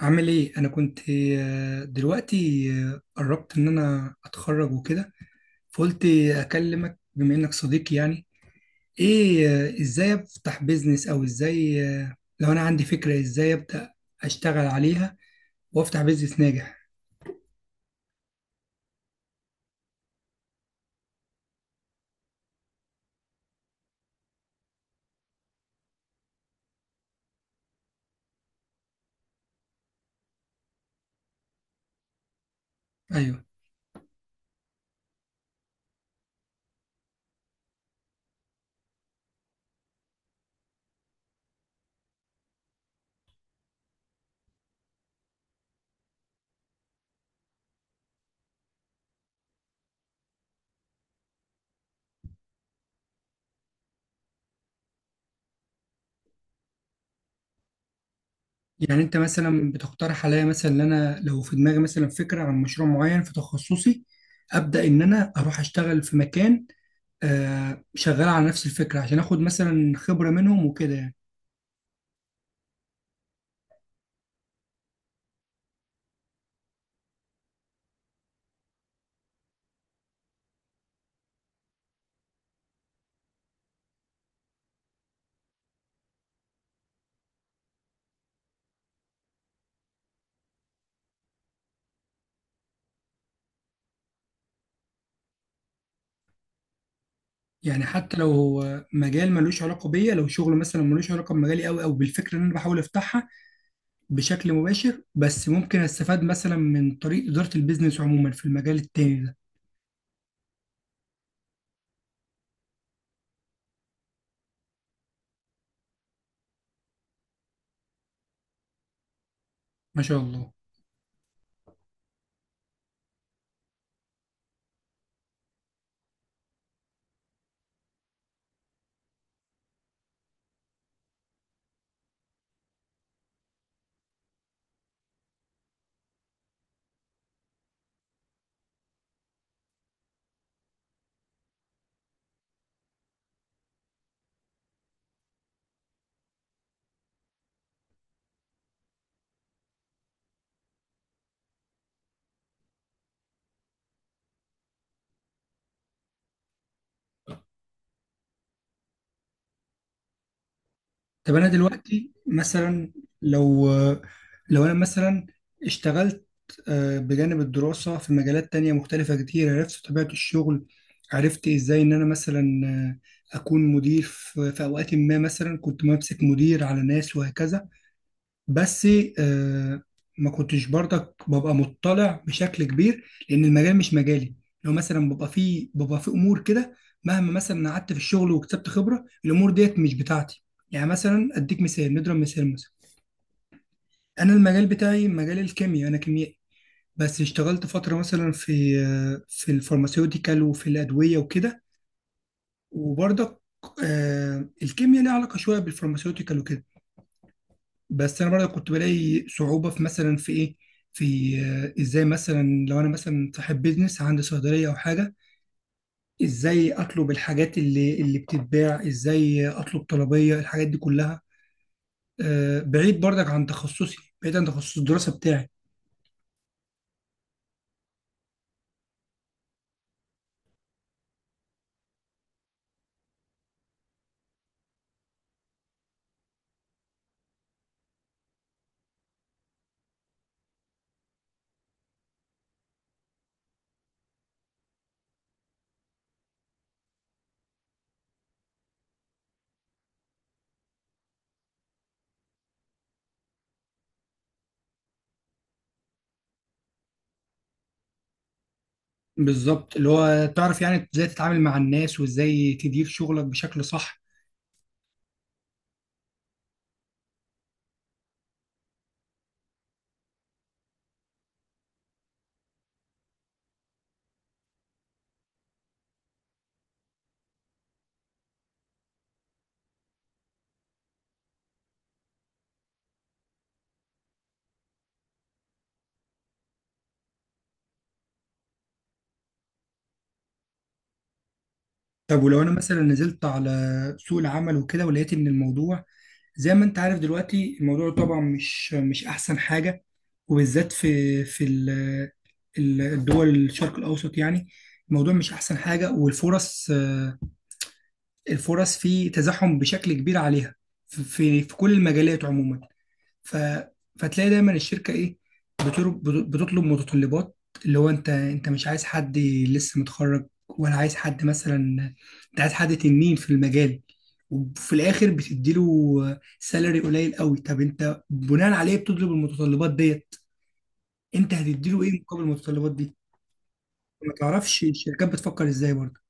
عامل ايه؟ انا كنت دلوقتي قربت ان انا اتخرج وكده، فقلت اكلمك بما انك صديقي، يعني ايه ازاي افتح بيزنس؟ او ازاي لو انا عندي فكرة ازاي ابدأ اشتغل عليها وافتح بيزنس ناجح؟ ايوه. يعني انت مثلا بتقترح عليا مثلا ان انا لو في دماغي مثلا فكرة عن مشروع معين في تخصصي ابدأ ان انا اروح اشتغل في مكان شغال على نفس الفكرة عشان اخد مثلا خبرة منهم وكده يعني. يعني حتى لو هو مجال ملوش علاقة بيا، لو شغل مثلا ملوش علاقة بمجالي أوي أو بالفكرة اللي أنا بحاول أفتحها بشكل مباشر، بس ممكن أستفاد مثلا من طريق إدارة البيزنس عموما في المجال التاني ده. ما شاء الله. طب أنا دلوقتي مثلا لو لو أنا مثلا اشتغلت بجانب الدراسة في مجالات تانية مختلفة كتير، عرفت طبيعة الشغل، عرفت إزاي إن أنا مثلا أكون مدير في أوقات ما، مثلا كنت ممسك مدير على ناس وهكذا. بس آه، ما كنتش برضك ببقى مطلع بشكل كبير لان المجال مش مجالي. لو مثلا ببقى في امور كده، مهما مثلا قعدت في الشغل وكسبت خبره، الامور ديت مش بتاعتي. يعني مثلا اديك مثال، نضرب مثال مثلا، انا المجال بتاعي مجال الكيمياء، انا كيميائي، بس اشتغلت فتره مثلا في الفارماسيوتيكال وفي الادويه وكده. وبرضك الكيمياء ليها علاقه شويه بالفارماسيوتيكال وكده، بس انا برضه كنت بلاقي صعوبه في مثلا في ايه، في ازاي مثلا لو انا مثلا صاحب بيزنس عندي صيدليه او حاجه، ازاي اطلب الحاجات اللي بتتباع، ازاي اطلب طلبيه الحاجات دي كلها، بعيد برضك عن تخصصي، بعيد عن تخصص الدراسه بتاعي. بالظبط، اللي هو تعرف يعني ازاي تتعامل مع الناس وازاي تدير شغلك بشكل صح. طب ولو انا مثلا نزلت على سوق العمل وكده ولقيت ان الموضوع زي ما انت عارف دلوقتي الموضوع طبعا مش احسن حاجة، وبالذات في الدول الشرق الاوسط يعني، الموضوع مش احسن حاجة، والفرص الفرص فيه تزاحم بشكل كبير عليها، في كل المجالات عموما. ف... فتلاقي دايما الشركه ايه، بتر- بتطلب متطلبات، اللي هو انت مش عايز حد لسه متخرج، ولا عايز حد مثلا، انت عايز حد تنين في المجال، وفي الاخر بتديله سالري قليل قوي. طب انت بناء عليه بتطلب المتطلبات ديت، انت هتديله ايه مقابل المتطلبات دي؟ ما تعرفش الشركات بتفكر ازاي برضه.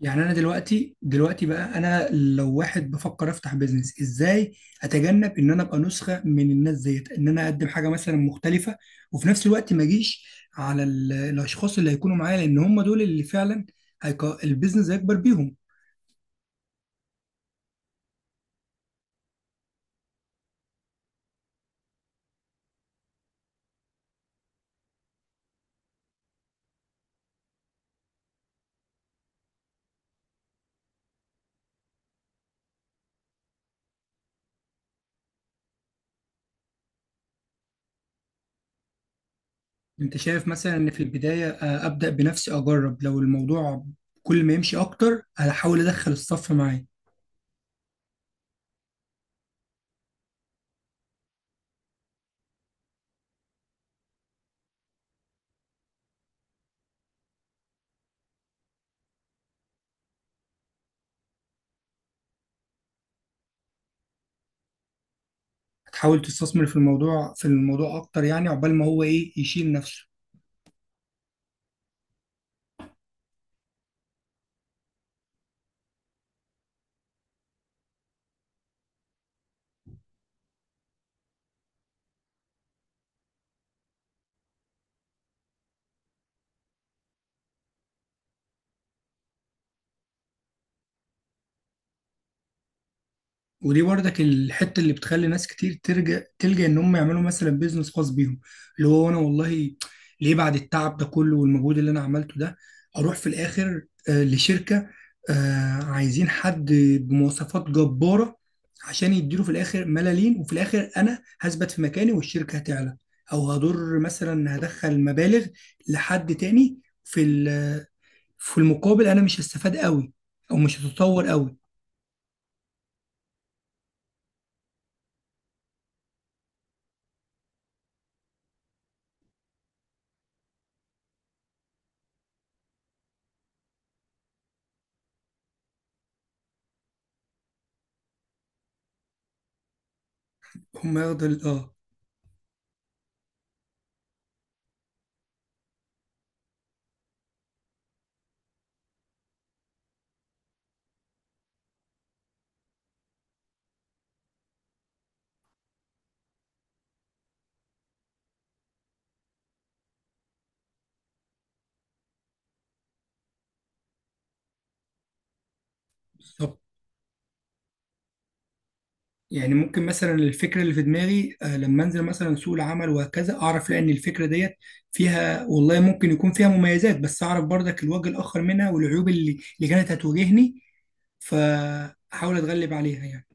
يعني انا دلوقتي بقى انا لو واحد بفكر افتح بيزنس، ازاي اتجنب ان انا ابقى نسخه من الناس ديت، ان انا اقدم حاجه مثلا مختلفه، وفي نفس الوقت ما اجيش على الاشخاص اللي هيكونوا معايا، لان هم دول اللي فعلا البيزنس هيكبر بيهم. انت شايف مثلا ان في البدايه ابدا بنفسي اجرب، لو الموضوع كل ما يمشي اكتر هحاول ادخل الصف معايا؟ هتحاول تستثمر في الموضوع اكتر يعني، عقبال ما هو ايه يشيل نفسه. ودي برضك الحته اللي بتخلي ناس كتير ترجع تلجأ ان هم يعملوا مثلا بيزنس خاص بيهم، اللي هو انا والله ليه بعد التعب ده كله والمجهود اللي انا عملته ده اروح في الاخر لشركه عايزين حد بمواصفات جباره عشان يديله في الاخر ملالين، وفي الاخر انا هثبت في مكاني والشركه هتعلى، او هضر مثلا هدخل مبالغ لحد تاني في المقابل انا مش هستفاد قوي، او مش هتطور قوي. هم ياخدوا بالظبط. يعني ممكن مثلا الفكره اللي في دماغي لما انزل مثلا سوق العمل وهكذا اعرف لا ان الفكره ديت فيها والله ممكن يكون فيها مميزات، بس اعرف برضك الوجه الاخر منها والعيوب اللي كانت هتواجهني، فاحاول اتغلب عليها يعني.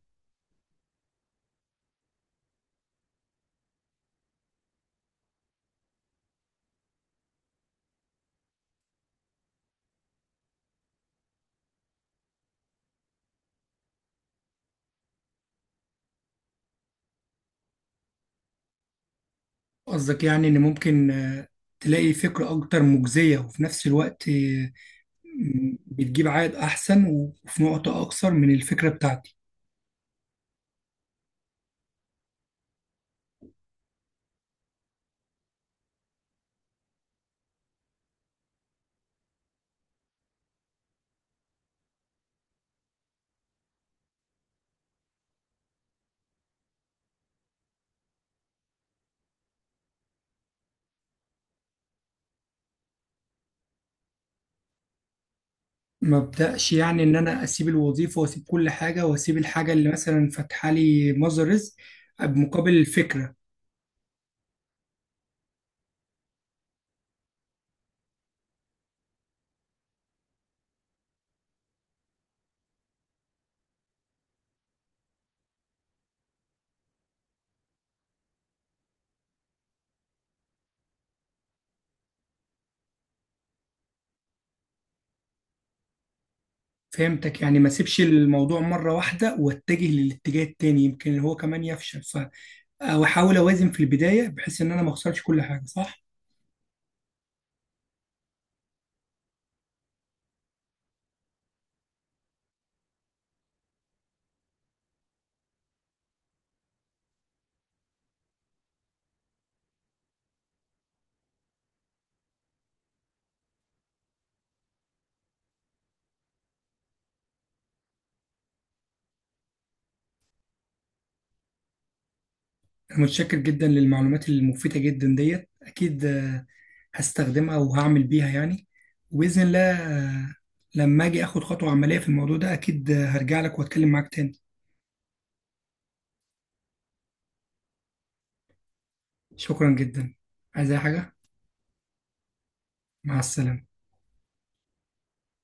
قصدك يعني ان ممكن تلاقي فكره اكتر مجزيه، وفي نفس الوقت بتجيب عائد احسن وفي نقطه اكثر من الفكره بتاعتي؟ ما ابداش يعني ان انا اسيب الوظيفه واسيب كل حاجه واسيب الحاجه اللي مثلا فاتحه لي مصدر رزق بمقابل الفكره. فهمتك، يعني ما اسيبش الموضوع مره واحده واتجه للاتجاه التاني يمكن هو كمان يفشل، ف او احاول اوازن في البدايه بحيث ان انا ما اخسرش كل حاجه، صح؟ انا متشكر جدا للمعلومات المفيده جدا ديت، اكيد هستخدمها وهعمل بيها يعني، وباذن الله لما اجي اخد خطوه عمليه في الموضوع ده اكيد هرجع لك واتكلم معاك تاني. شكرا جدا، عايز أي حاجة؟ مع السلامة.